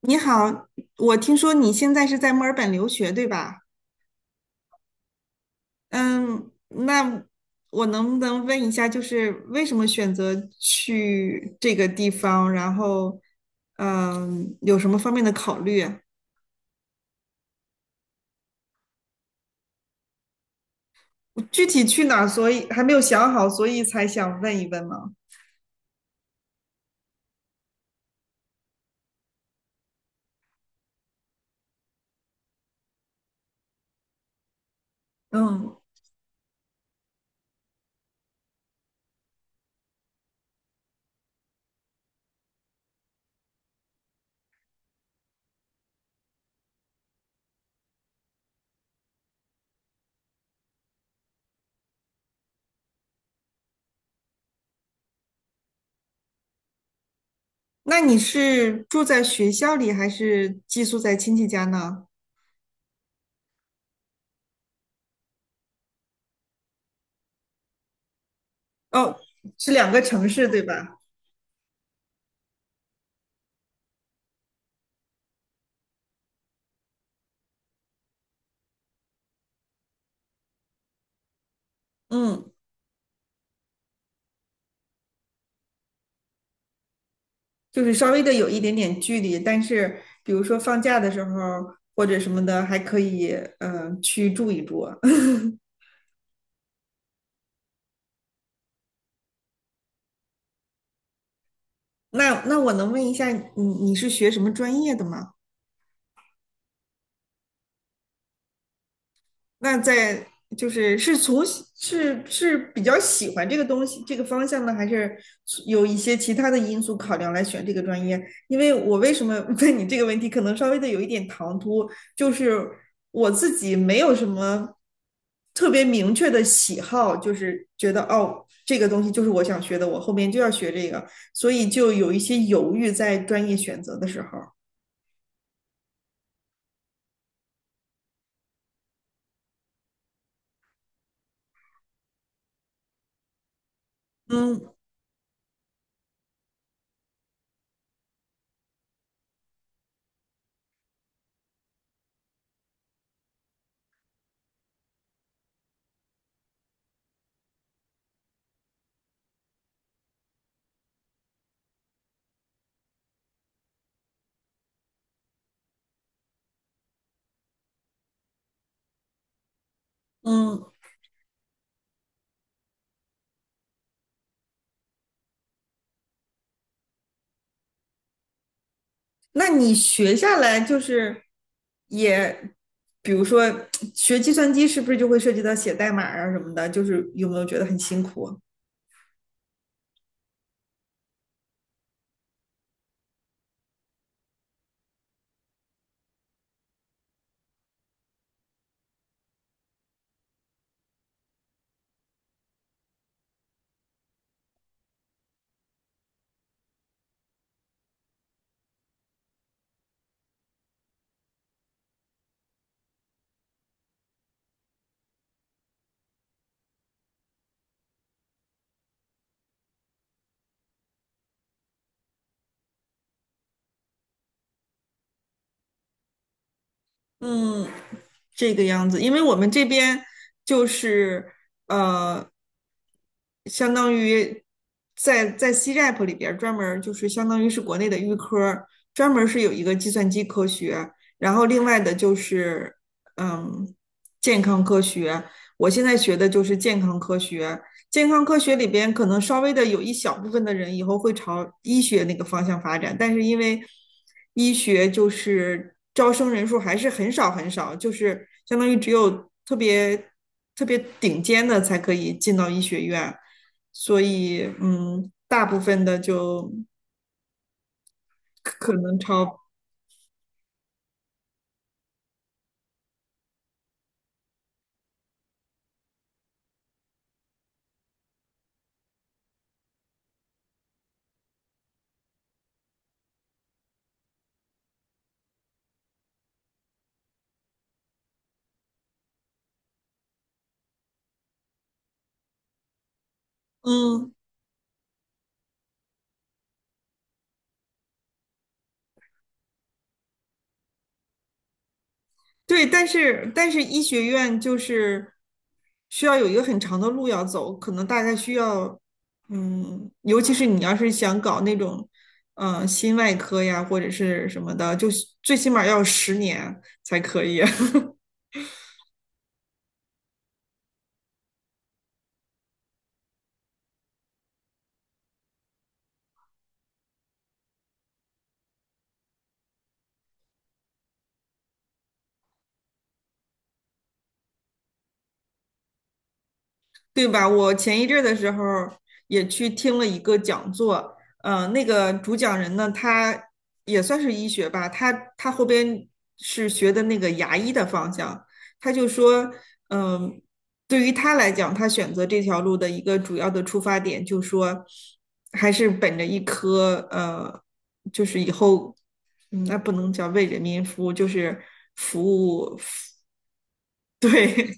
你好，我听说你现在是在墨尔本留学，对吧？嗯，那我能不能问一下，就是为什么选择去这个地方？然后，有什么方面的考虑啊。我具体去哪儿所以还没有想好，所以才想问一问嘛。嗯，那你是住在学校里，还是寄宿在亲戚家呢？哦，是两个城市，对吧？嗯。就是稍微的有一点点距离，但是比如说放假的时候或者什么的，还可以去住一住啊。那我能问一下，你是学什么专业的吗？那在就是是从是是比较喜欢这个东西这个方向呢，还是有一些其他的因素考量来选这个专业？因为我为什么 问你这个问题，可能稍微的有一点唐突，就是我自己没有什么特别明确的喜好，就是觉得哦，这个东西就是我想学的，我后面就要学这个，所以就有一些犹豫在专业选择的时候。嗯嗯。那你学下来就是也，比如说学计算机是不是就会涉及到写代码啊什么的？就是有没有觉得很辛苦啊。嗯，这个样子，因为我们这边就是呃，相当于在 C-RAP 里边儿专门儿就是相当于是国内的预科儿，专门儿是有一个计算机科学，然后另外的就是嗯健康科学。我现在学的就是健康科学，健康科学里边可能稍微的有一小部分的人以后会朝医学那个方向发展，但是因为医学就是招生人数还是很少很少，就是相当于只有特别特别顶尖的才可以进到医学院，所以大部分的就可能朝嗯对，但是医学院就是需要有一个很长的路要走，可能大概需要，尤其是你要是想搞那种，心外科呀或者是什么的，就是最起码要10年才可以。对吧？我前一阵儿的时候也去听了一个讲座，那个主讲人呢，他也算是医学吧，他后边是学的那个牙医的方向，他就说，嗯、对于他来讲，他选择这条路的一个主要的出发点，就说还是本着一颗就是以后，那不能叫为人民服务，就是服务，对，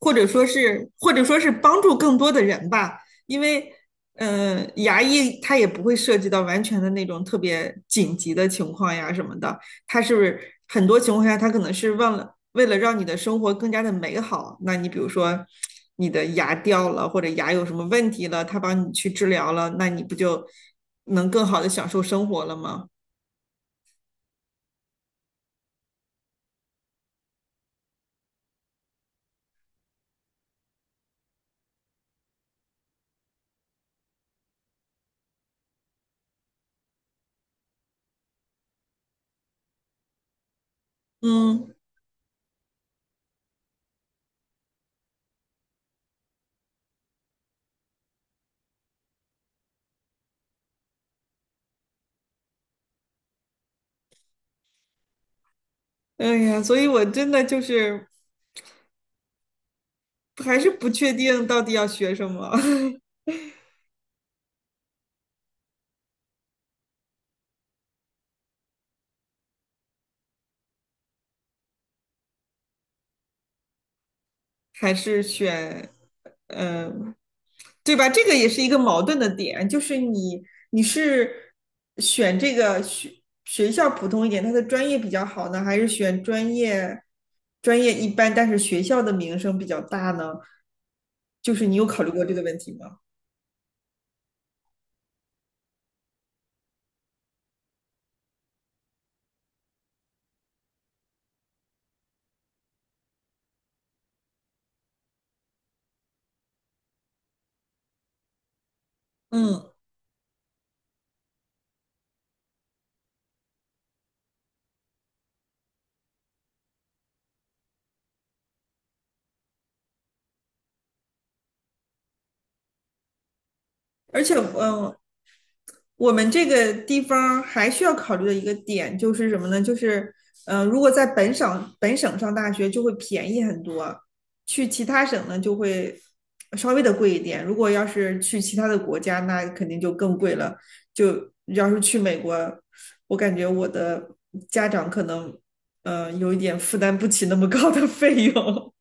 或者说是帮助更多的人吧，因为牙医它也不会涉及到完全的那种特别紧急的情况呀什么的，它是不是很多情况下它可能是忘了为了让你的生活更加的美好，那你比如说你的牙掉了或者牙有什么问题了，他帮你去治疗了，那你不就能更好的享受生活了吗？嗯，哎呀，所以我真的就是还是不确定到底要学什么。还是选，嗯，对吧？这个也是一个矛盾的点，就是你是选这个学校普通一点，它的专业比较好呢，还是选专业一般，但是学校的名声比较大呢？就是你有考虑过这个问题吗？嗯，而且我们这个地方还需要考虑的一个点就是什么呢？就是，如果在本省上大学就会便宜很多，去其他省呢就会稍微的贵一点。如果要是去其他的国家，那肯定就更贵了。就要是去美国，我感觉我的家长可能，有一点负担不起那么高的费用。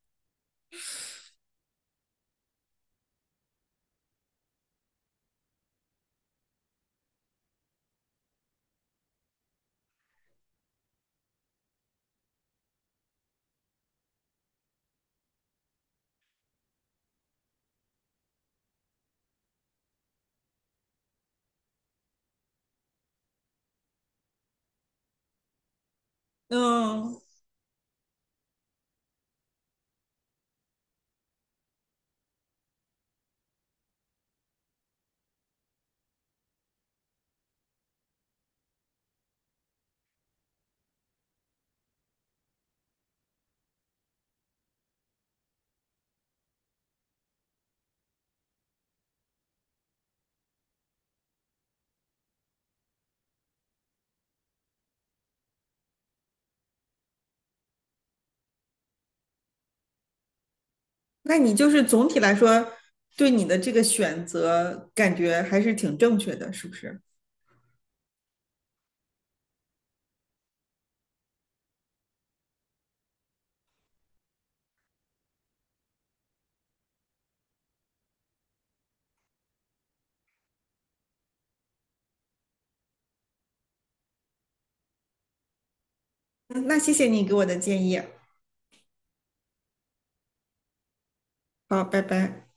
嗯，那你就是总体来说，对你的这个选择感觉还是挺正确的，是不是？嗯那谢谢你给我的建议，好，拜拜。